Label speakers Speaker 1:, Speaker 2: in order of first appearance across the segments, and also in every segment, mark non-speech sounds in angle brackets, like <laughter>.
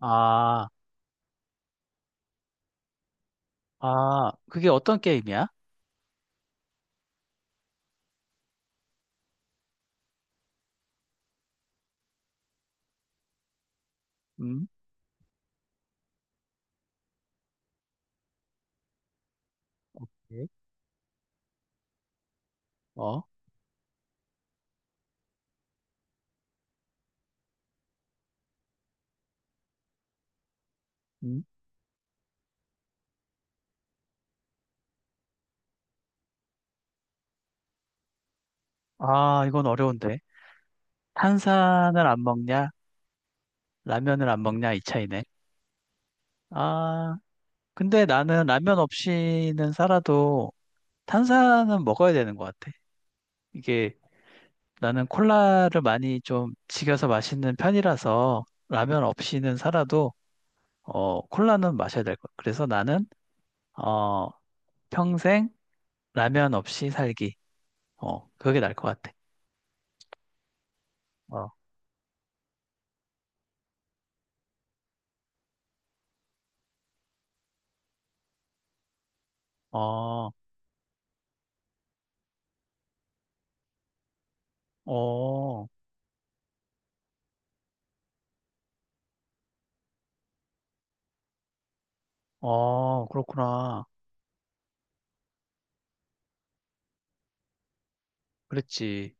Speaker 1: 아, 아, 그게 어떤 게임이야? 음, 예? 어, 음. 아, 이건 어려운데. 탄산을 안 먹냐? 라면을 안 먹냐? 이 차이네. 아, 근데 나는 라면 없이는 살아도 탄산은 먹어야 되는 것 같아. 이게 나는 콜라를 많이 좀 즐겨서 마시는 편이라서 라면 없이는 살아도 콜라는 마셔야 될 것 같아. 그래서 나는 어, 평생 라면 없이 살기. 어, 그게 나을 것 같아. 어. 어. 어, 어, 그렇구나. 그랬지.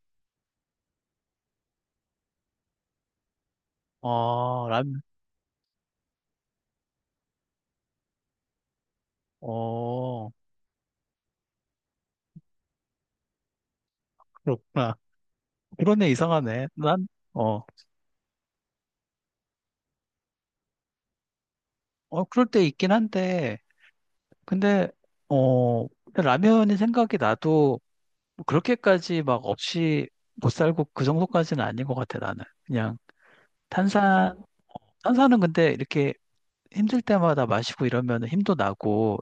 Speaker 1: 어, 라면, 어, 그렇구나. <laughs> 그러네, 이상하네. 난, 어, 어, 그럴 때 있긴 한데, 근데, 어, 근데 라면이 생각이 나도 그렇게까지 막 없이 못 살고 그 정도까지는 아닌 것 같아, 나는. 그냥 탄산, 탄산은 근데 이렇게 힘들 때마다 마시고 이러면 힘도 나고,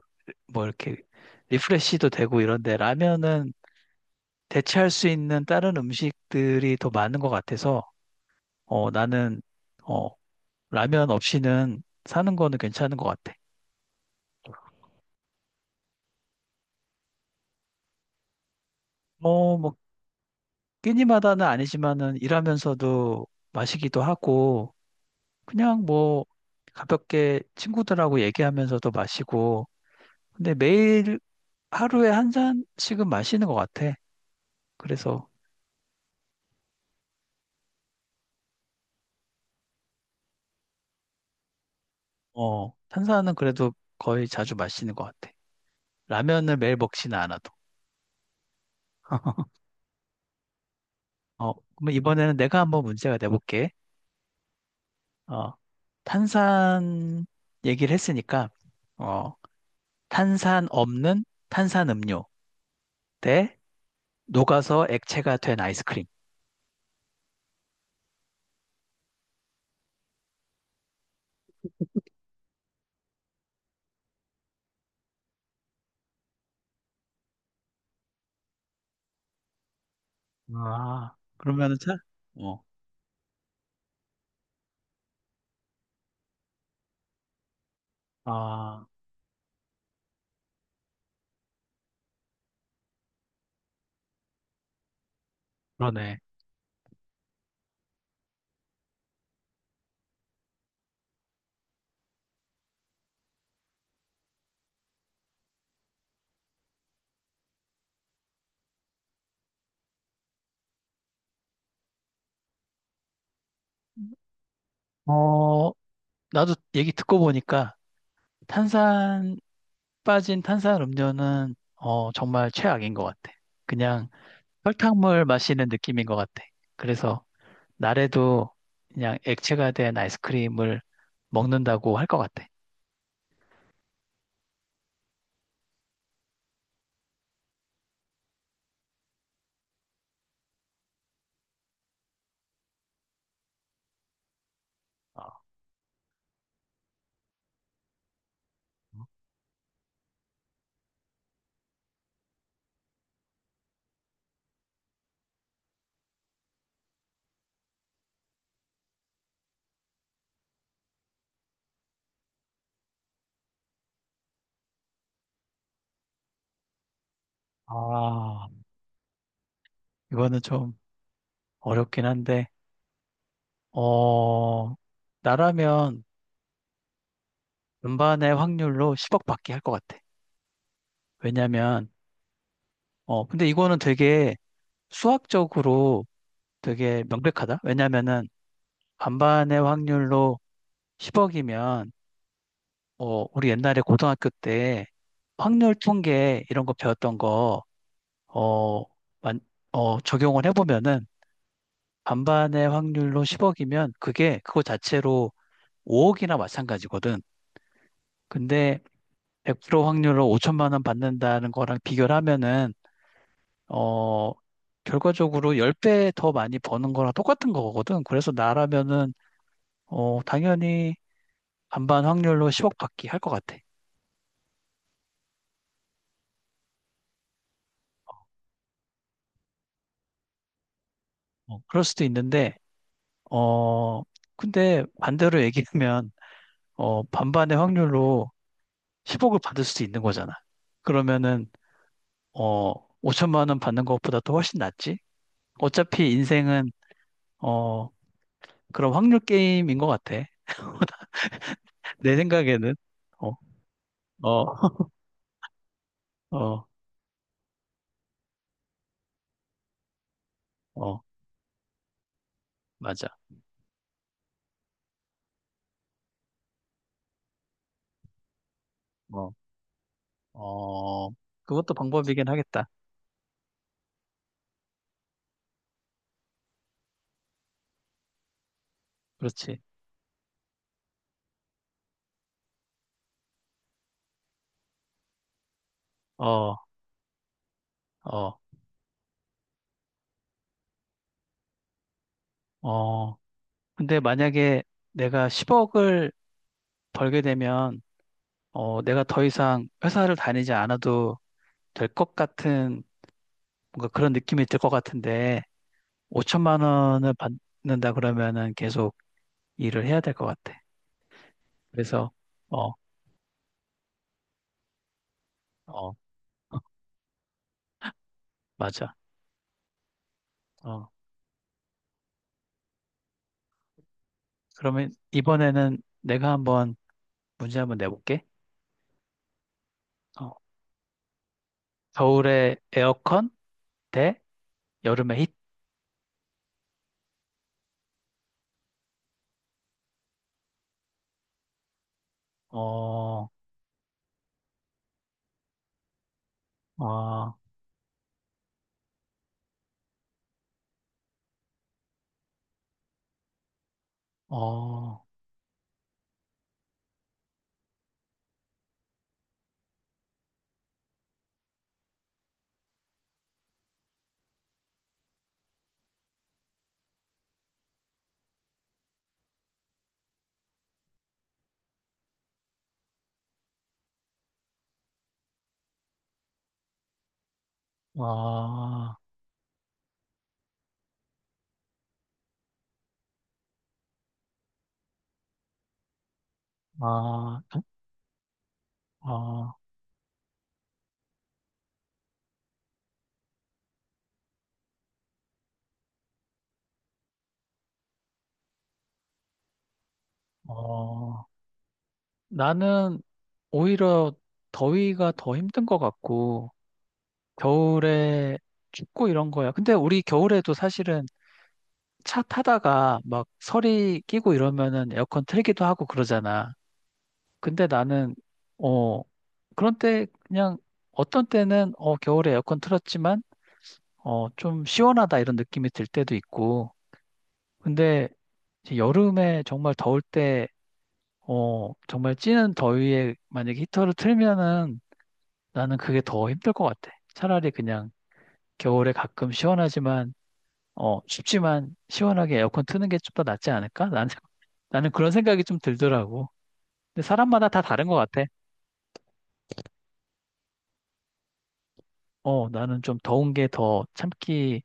Speaker 1: 뭐 이렇게 리프레쉬도 되고 이런데, 라면은 대체할 수 있는 다른 음식들이 더 많은 것 같아서 어, 나는 어, 라면 없이는 사는 거는 괜찮은 것 같아. 어, 뭐 끼니마다는 아니지만은 일하면서도 마시기도 하고 그냥 뭐 가볍게 친구들하고 얘기하면서도 마시고 근데 매일 하루에 한 잔씩은 마시는 것 같아. 그래서 어, 탄산은 그래도 거의 자주 마시는 것 같아. 라면을 매일 먹지는 않아도. <laughs> 어, 그럼 이번에는 내가 한번 문제가 돼볼게. 어, 탄산 얘기를 했으니까, 어, 탄산 없는 탄산 음료 대 녹아서 액체가 된 아이스크림. 아, 그러면은 차? 어, 아, 그러네. 어, 나도 얘기 듣고 보니까 탄산, 빠진 탄산 음료는 어, 정말 최악인 것 같아. 그냥 설탕물 마시는 느낌인 것 같아. 그래서 나래도 그냥 액체가 된 아이스크림을 먹는다고 할 것 같아. 어. 아, 이거는 좀 어렵긴 한데, 어, 나라면 음반의 확률로 10억 받기 할 것 같아. 왜냐면, 어, 근데 이거는 되게 수학적으로 되게 명백하다. 왜냐면은 반반의 확률로 10억이면, 어, 우리 옛날에 고등학교 때 확률 통계 이런 거 배웠던 거, 어, 만- 어, 적용을 해보면은 반반의 확률로 10억이면 그게 그거 자체로 5억이나 마찬가지거든. 근데 100% 확률로 5천만 원 받는다는 거랑 비교를 하면은 어 결과적으로 10배 더 많이 버는 거랑 똑같은 거거든. 그래서 나라면은 어 당연히 반반 확률로 10억 받기 할 것 같아. 어, 그럴 수도 있는데 어 근데 반대로 얘기하면 어 반반의 확률로 10억을 받을 수도 있는 거잖아. 그러면은 어 5천만 원 받는 것보다 또 훨씬 낫지. 어차피 인생은 어 그런 확률 게임인 것 같아. 내 생각에는 어, 어, <laughs> 어, 어, 맞아. 어, 어, 그것도 방법이긴 하겠다. 그렇지. 어, 어, 어. 근데 만약에 내가 10억을 벌게 되면 어, 내가 더 이상 회사를 다니지 않아도 될 것 같은 뭔가 그런 느낌이 들 것 같은데 5천만 원을 받는다 그러면은 계속 일을 해야 될 것 같아. 그래서 어, 어, <laughs> 맞아. 어, 그러면 이번에는 내가 한번 문제 한번 내볼게. 어, 겨울에 에어컨 대 여름에 히트. 어, 어, 어, 어, 어, 어, 어. 나는 오히려 더위가 더 힘든 것 같고, 겨울에 춥고 이런 거야. 근데 우리 겨울에도 사실은 차 타다가 막 서리 끼고 이러면은 에어컨 틀기도 하고 그러잖아. 근데 나는, 어, 그런 때 그냥 어떤 때는 어, 겨울에 에어컨 틀었지만 어, 좀 시원하다 이런 느낌이 들 때도 있고 근데 이제 여름에 정말 더울 때 어, 정말 찌는 더위에 만약에 히터를 틀면은 나는 그게 더 힘들 것 같아. 차라리 그냥 겨울에 가끔 시원하지만 어, 춥지만 시원하게 에어컨 트는 게 좀 더 낫지 않을까? 나는 <laughs> 나는 그런 생각이 좀 들더라고. 근데 사람마다 다 다른 것 같아. 어, 나는 좀 더운 게 더 참기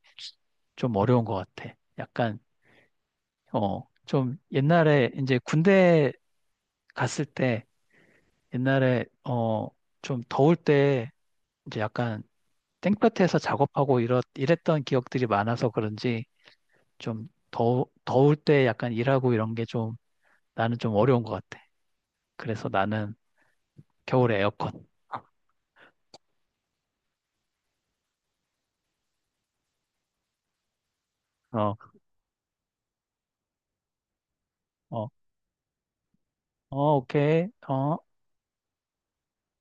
Speaker 1: 좀 어려운 것 같아. 약간 어, 좀 옛날에 이제 군대 갔을 때 옛날에 어, 좀 더울 때 이제 약간 땡볕에서 작업하고 이랬던 기억들이 많아서 그런지 좀 더울 때 약간 일하고 이런 게 좀 나는 좀 어려운 것 같아. 그래서 나는 겨울에 에어컨. 어, 어, 어, 오케이. 어.